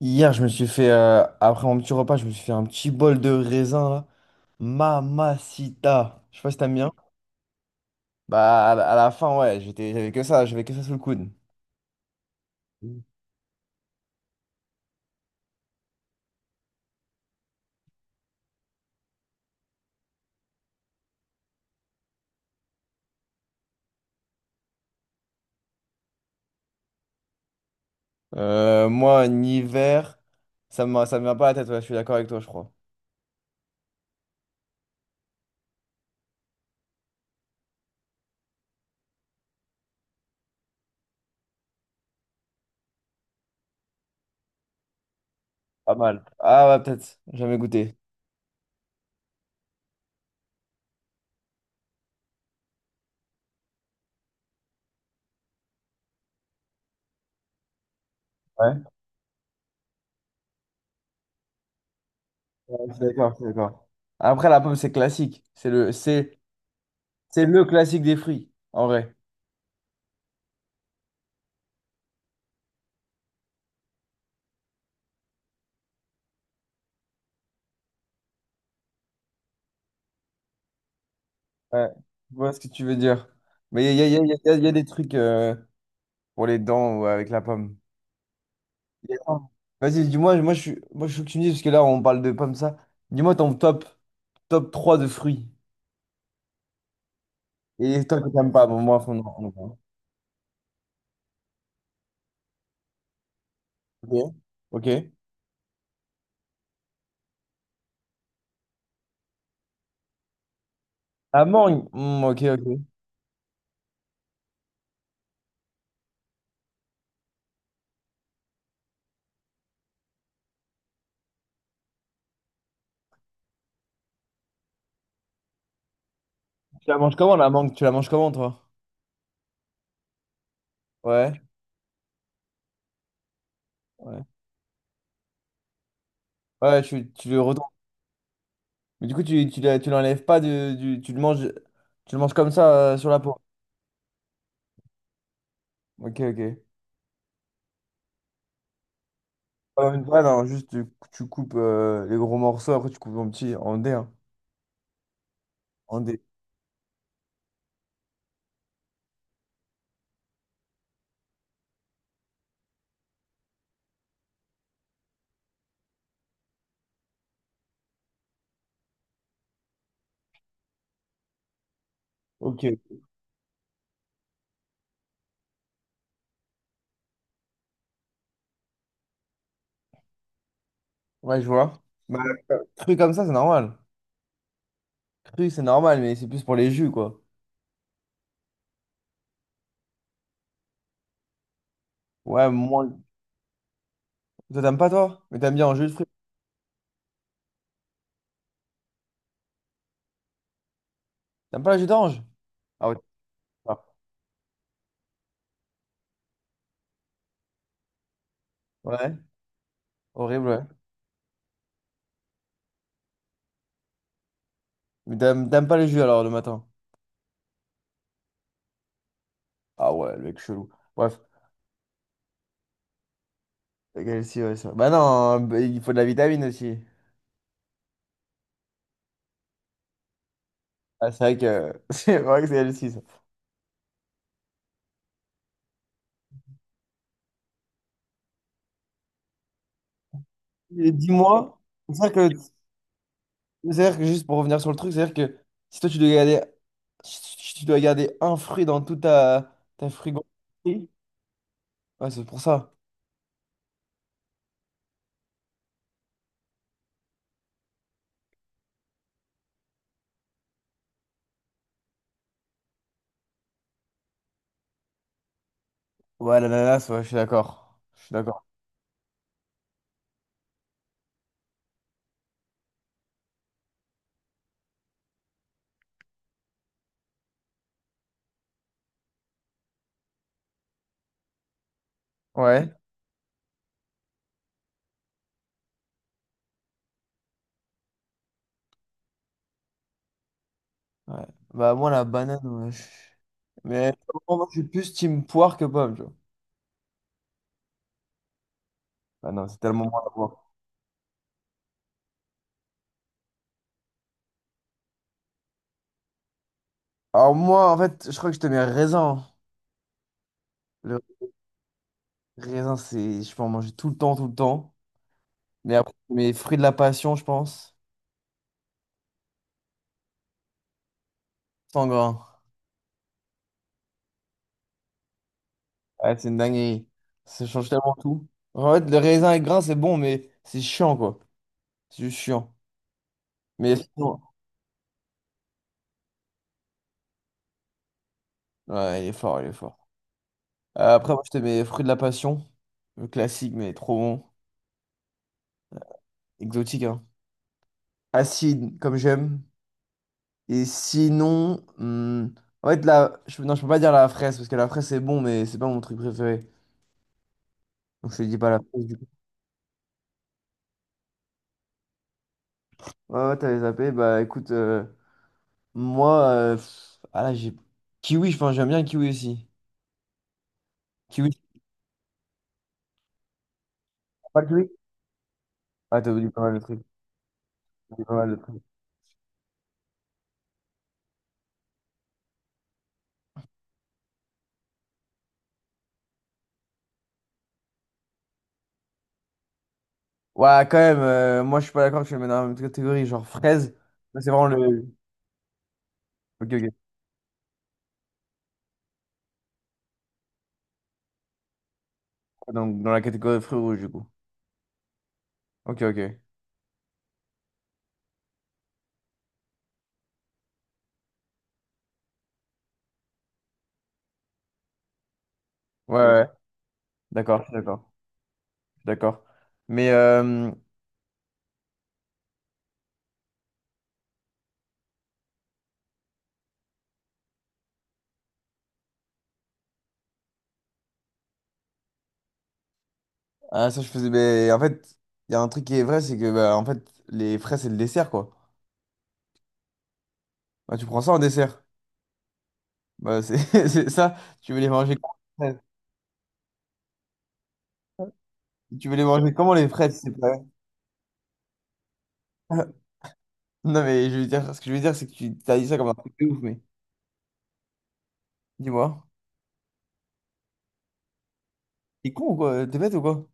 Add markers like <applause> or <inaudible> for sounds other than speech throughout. Hier, je me suis fait, après mon petit repas, je me suis fait un petit bol de raisin, là. Mamacita. Je sais pas si t'aimes bien. Bah, à la fin, ouais, j'avais que ça sous le coude. Moi, en hiver, ça me vient pas à la tête, ouais, je suis d'accord avec toi, je crois. Pas mal. Ah ouais, peut-être, jamais goûté. Ouais, je suis d'accord. Après, la pomme, c'est classique. C'est le classique des fruits, en vrai. Ouais, je vois ce que tu veux dire. Mais il y a, y a- y a- y a- y a des trucs pour les dents ou avec la pomme. Il est énorme. Vas-y, dis-moi, moi je veux que tu me dises, parce que là on parle de pommes ça. Dis-moi ton top, top 3 de fruits. Et toi que t'aimes pas, bon, on en parle. Ok. Ok. La mangue. Hmm, ok, ok. Tu la manges comment la mangue? Tu la manges comment toi? Ouais. Ouais. Ouais, tu le retournes. Mais du coup, tu l'enlèves pas de, tu le manges comme ça sur la peau. Ok, ok. Pas dans une poêle, hein, tu coupes les gros morceaux, après tu coupes en petits, en dés, hein, en dés. Ok. Ouais, je vois. Bah, cru comme ça, c'est normal. Cru, c'est normal, mais c'est plus pour les jus, quoi. Ouais, moi. Toi, t'aimes pas, toi? Mais t'aimes bien en jus de fruits. T'aimes pas le jus d'orange? Ah ouais. Ah. Ouais, horrible, ouais. Mais t'aimes pas les jus, alors, le matin? Ah ouais, le mec chelou. Bref. Ok, si, ouais, ça. Bah non, hein, bah, il faut de la vitamine aussi. Ah, c'est vrai que <laughs> c'est vrai que c'est elle aussi ça. Et dis-moi, c'est-à-dire que, c'est-à-dire que juste pour revenir sur le truc, c'est-à-dire que si toi tu dois garder, si tu dois garder un fruit dans toute ta, ta frigorifère. Ouais, c'est pour ça. Ouais, l'ananas, ouais, je suis d'accord. Je suis d'accord. Ouais. Ouais. Bah, moi, la banane, ouais. Mais moi, je suis plus team poire que pomme, tu vois. Ah non, c'est tellement moins la poire. Alors, moi, en fait, je crois que je te mets raisin. Le raisin, c'est. Je peux en manger tout le temps, tout le temps. Mais après, mes fruits de la passion, je pense. Sans grain. Ouais, c'est une dinguerie. Ça change tellement tout. En fait, le raisin et grain, c'est bon, mais c'est chiant, quoi. C'est juste chiant. Mais sinon, ouais, il est fort. Après, moi, je te mets fruit de la passion. Le classique, mais trop bon. Exotique, hein. Acide, comme j'aime. Et sinon, hmm, en fait, non, je peux pas dire la fraise, parce que la fraise, c'est bon, mais c'est pas mon truc préféré. Donc, je te dis pas la fraise, du coup. Ouais, ouais, t'avais zappé. Bah, écoute, moi, pff, ah là, j'ai. Kiwi, enfin, j'aime bien le kiwi aussi. Kiwi, tu prends pas le kiwi? Ah, t'as oublié pas mal de trucs. T'as oublié pas mal de trucs. Ouais, quand même, moi, je suis pas d'accord que je le mets dans la même catégorie. Genre, fraise, moi, c'est vraiment le. Ok, ok. Donc, dans la catégorie fruits rouges, du coup. Ok, ok. Ouais, Ouais. ouais. D'accord, je suis d'accord. Je suis d'accord. Mais, ah, ça, je faisais. Mais, en fait, il y a un truc qui est vrai, c'est que, bah, en fait, les fraises, c'est le dessert, quoi. Bah, tu prends ça en dessert. Bah, c'est <laughs> c'est ça. Tu veux les manger comment, les fraises Tu veux les manger comment, les fraises? C'est pas... vrai. <laughs> Non, mais je veux dire, ce que je veux dire, c'est que tu as dit ça comme un truc de ouf, mais dis-moi. T'es con ou quoi? T'es bête ou quoi?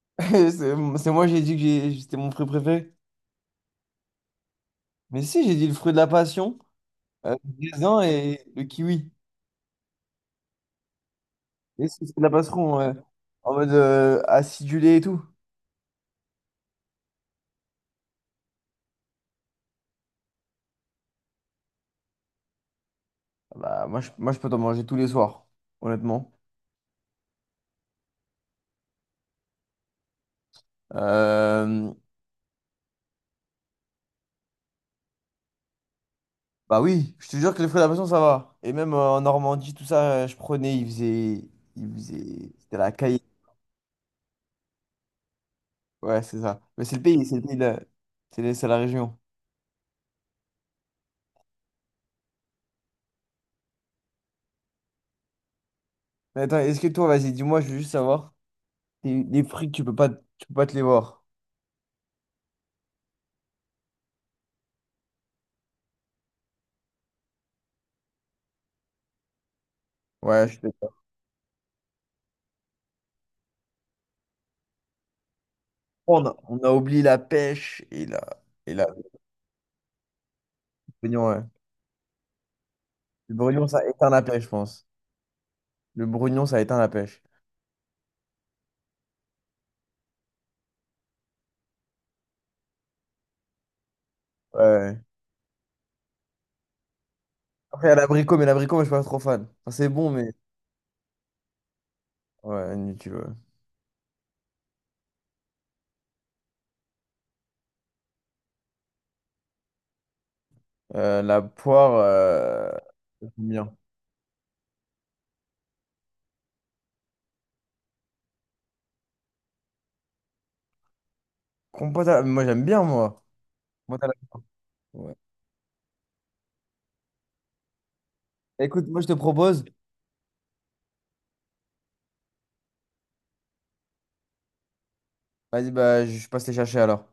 <laughs> C'est j'ai dit que c'était mon fruit préféré. Mais si, j'ai dit le fruit de la passion, le raisin et le kiwi. Et si c'est de la passeron, ouais. En mode acidulé et tout. Bah, moi, je peux t'en manger tous les soirs, honnêtement. Euh, Bah oui, je te jure que les fruits de la passion, ça va. Et même en Normandie, je prenais, ils faisaient... Ils faisaient... C'était la caille. Ouais, c'est ça. Mais c'est le pays c'est la région. Mais attends, est-ce que toi, vas-y, dis-moi, je veux juste savoir, les fruits, que tu peux pas te les voir. Ouais, je te... on a oublié la pêche et la... Et la... le brognon, ouais. Le brognon, ça éteint la pêche, je pense. Le brugnon, ça éteint la pêche. Ouais, ouais. Après, il y a l'abricot, mais l'abricot, moi, je suis pas trop fan. Enfin, c'est bon, mais. Ouais, inutile, ouais. La poire, j'aime bien. Compote à la- Moi, j'aime bien, moi. Compote à la poire. Ouais. Écoute, moi, je te propose. Vas-y, bah, je passe les chercher alors.